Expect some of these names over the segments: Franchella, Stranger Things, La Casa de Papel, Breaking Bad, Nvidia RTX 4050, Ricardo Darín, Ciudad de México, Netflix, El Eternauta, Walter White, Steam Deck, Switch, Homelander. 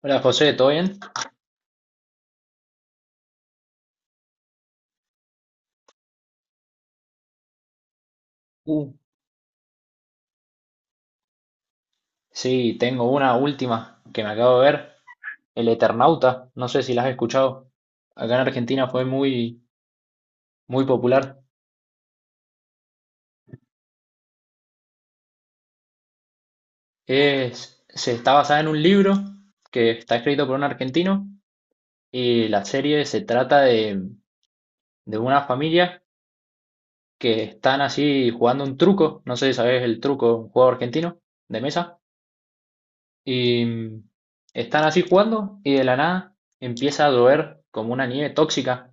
Hola José, ¿todo bien? Uh, Sí, tengo una última que me acabo de ver. El Eternauta, no sé si la has escuchado. Acá en Argentina fue muy popular. Es, se está basada en un libro que está escrito por un argentino, y la serie se trata de una familia que están así jugando un truco, no sé si sabes el truco, un juego argentino de mesa, y están así jugando y de la nada empieza a llover como una nieve tóxica.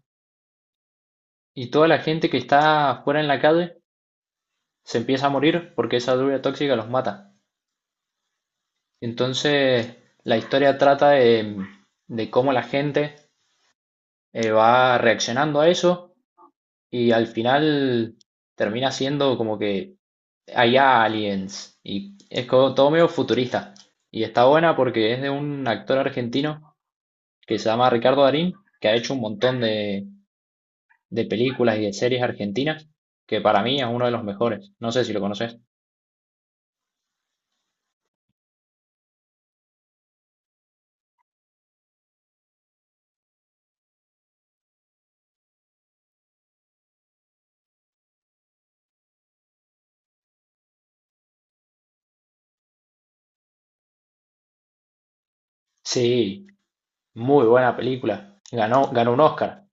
Y toda la gente que está afuera en la calle se empieza a morir porque esa lluvia tóxica los mata. Entonces, la historia trata de cómo la gente va reaccionando a eso, y al final termina siendo como que hay aliens y es como todo medio futurista. Y está buena porque es de un actor argentino que se llama Ricardo Darín, que ha hecho un montón de películas y de series argentinas, que para mí es uno de los mejores. No sé si lo conoces. Sí, muy buena película. Ganó un Oscar.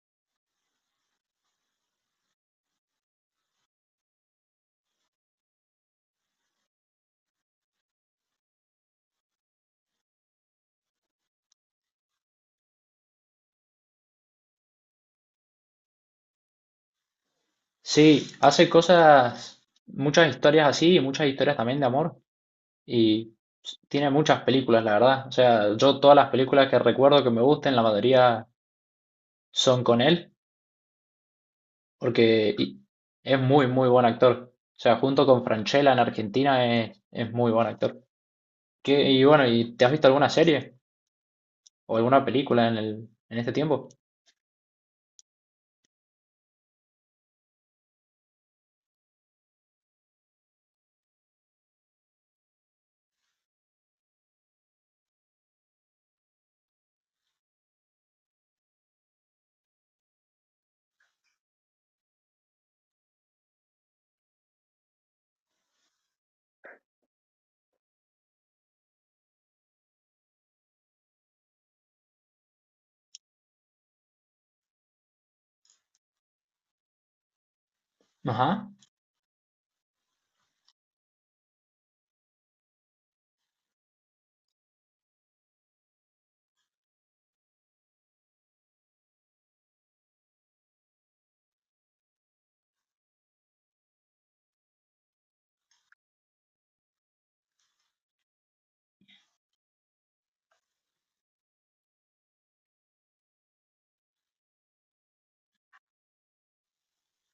Sí, hace cosas, muchas historias así y muchas historias también de amor. Y tiene muchas películas, la verdad. O sea, yo todas las películas que recuerdo que me gusten, la mayoría son con él, porque y- es muy buen actor. O sea, junto con Franchella en Argentina es muy buen actor. Y bueno, ¿y te has visto alguna serie o alguna película en el, en este tiempo? Ajá,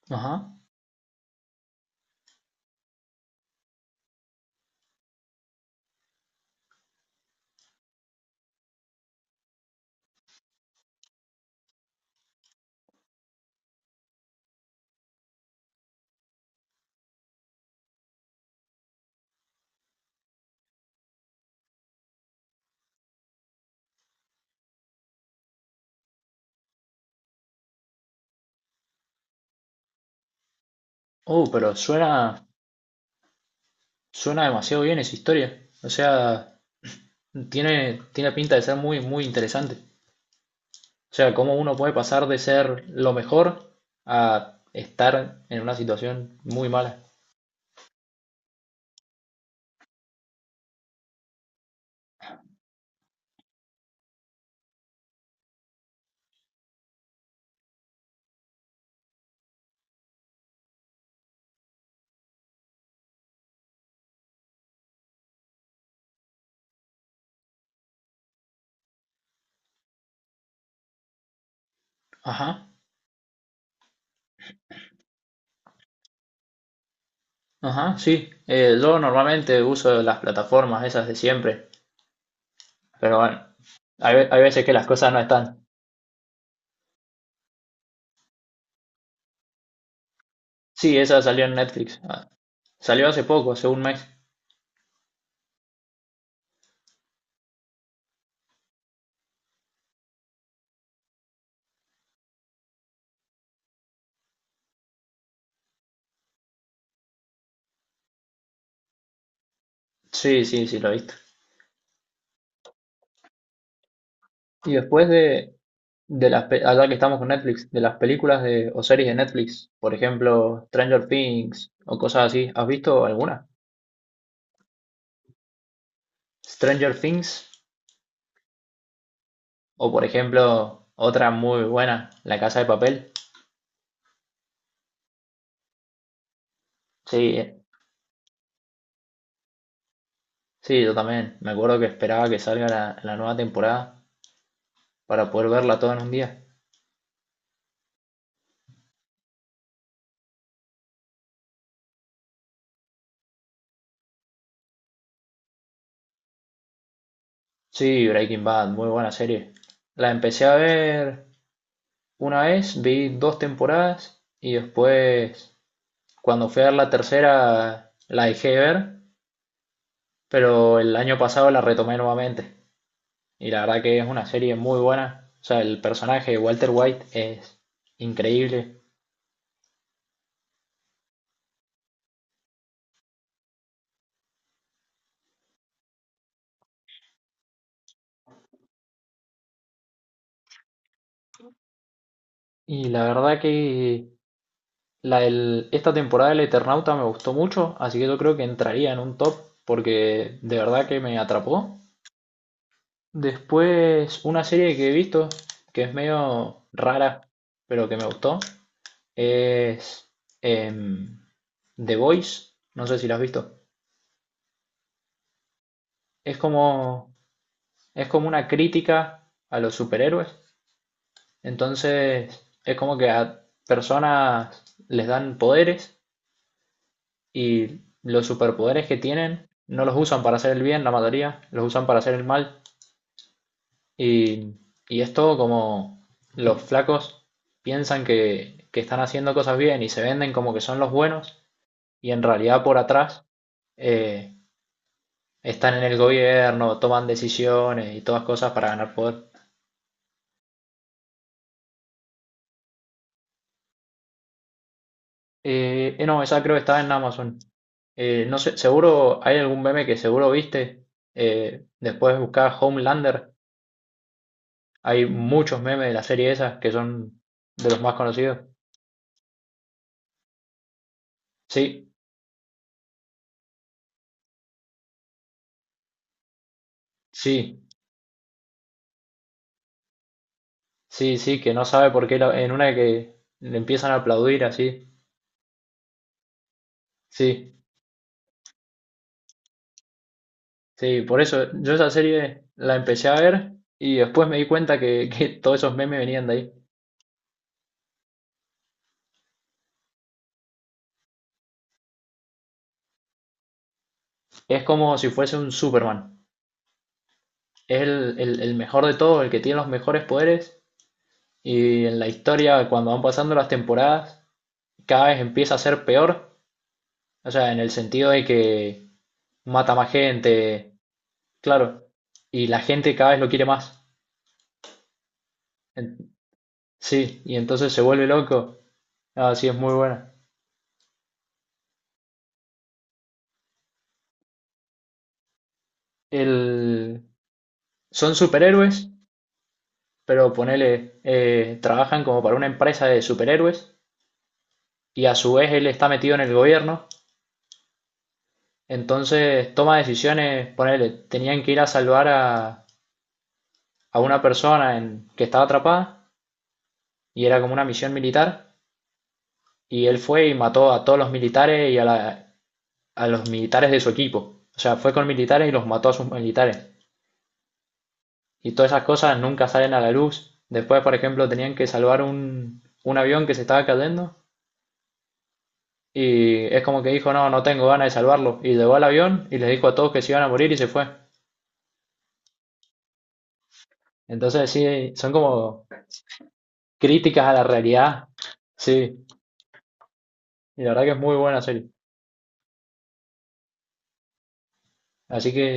ajá. Oh, pero suena, suena demasiado bien esa historia. O sea, tiene pinta de ser muy interesante. O sea, cómo uno puede pasar de ser lo mejor a estar en una situación muy mala. Ajá, ajá, sí. Yo normalmente uso las plataformas esas de siempre. Pero bueno, hay veces que las cosas no están. Sí, esa salió en Netflix. Ah, salió hace poco, hace un mes. Sí, sí, sí, lo he visto. Y después de, de las, allá que estamos con Netflix, de las películas de, o series de Netflix, por ejemplo, Stranger Things o cosas así, ¿has visto alguna? Stranger Things, o por ejemplo otra muy buena, La Casa de Papel. Sí, sí, yo también. Me acuerdo que esperaba que salga la nueva temporada para poder verla toda en un día. Sí, Breaking Bad, muy buena serie. La empecé a ver una vez, vi dos temporadas y después, cuando fui a ver la tercera, la dejé de ver, pero el año pasado la retomé nuevamente, y la verdad que es una serie muy buena. O sea, el personaje de Walter White es increíble, y la verdad que esta temporada del Eternauta me gustó mucho, así que yo creo que entraría en un top, porque de verdad que me atrapó. Después, una serie que he visto que es medio rara, pero que me gustó, es em, The Voice. No sé si la has visto. Es como es como una crítica a los superhéroes. Entonces, es como que a personas les dan poderes, y los superpoderes que tienen no los usan para hacer el bien, la mayoría, los usan para hacer el mal. Y, y es todo como los flacos piensan que están haciendo cosas bien y se venden como que son los buenos, y en realidad por atrás eh, están en el gobierno, toman decisiones y todas cosas para ganar poder. No, esa creo que está en Amazon. No sé, seguro hay algún meme que seguro viste. Después de buscar Homelander, hay muchos memes de la serie esa que son de los más conocidos. Sí, sí, sí, sí, que no sabe por qué en una que le empiezan a aplaudir así. Sí, sí, por eso yo esa serie la empecé a ver, y después me di cuenta que, que todos esos memes venían de ahí. Es como si fuese un Superman. Es el mejor de todos, el que tiene los mejores poderes. Y en la historia, cuando van pasando las temporadas, cada vez empieza a ser peor. O sea, en el sentido de que mata más gente, claro. Y la gente cada vez lo quiere más. En- Sí, y entonces se vuelve loco. Ah, sí, es muy buena. El... son superhéroes, pero ponele, trabajan como para una empresa de superhéroes, y a su vez él está metido en el gobierno. Entonces toma decisiones, ponele, tenían que ir a salvar a una persona que estaba atrapada, y era como una misión militar, y él fue y mató a todos los militares y a los militares de su equipo. O sea, fue con militares y los mató a sus militares. Y todas esas cosas nunca salen a la luz. Después, por ejemplo, tenían que salvar un avión que se estaba cayendo, y es como que dijo, no, no tengo ganas de salvarlo. Y llegó al avión y le dijo a todos que se iban a morir y se fue. Entonces, sí, son como críticas a la realidad. Sí, y la verdad que es muy buena serie. Así que,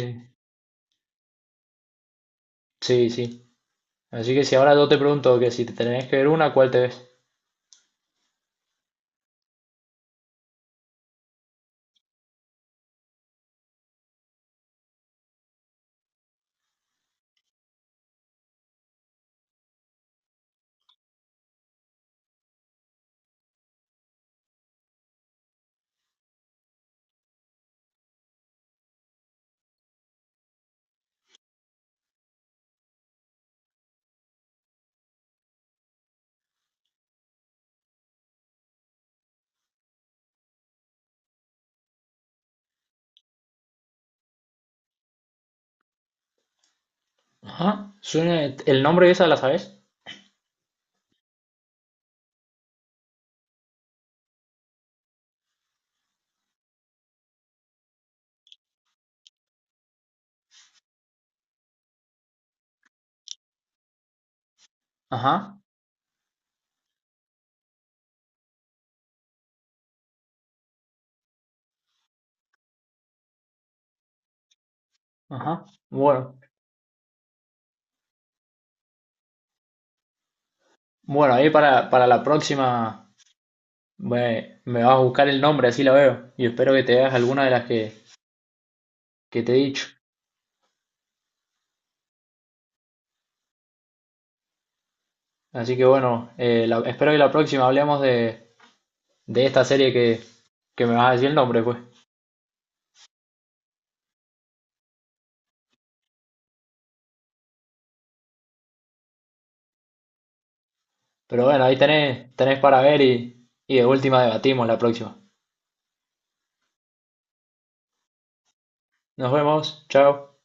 sí, sí. Así que si ahora yo te pregunto que si te tenés que ver una, ¿cuál te ves? Ajá. Suena, el nombre esa la sabes. Ajá. Ajá. Bueno, bueno, ahí para la próxima me vas a buscar el nombre, así la veo. Y espero que te veas alguna de las que te he dicho. Así que bueno, espero que la próxima hablemos de esta serie que me vas a decir el nombre, pues. Pero bueno, ahí tenés, tenés para ver y de última debatimos la próxima. Nos vemos. Chao.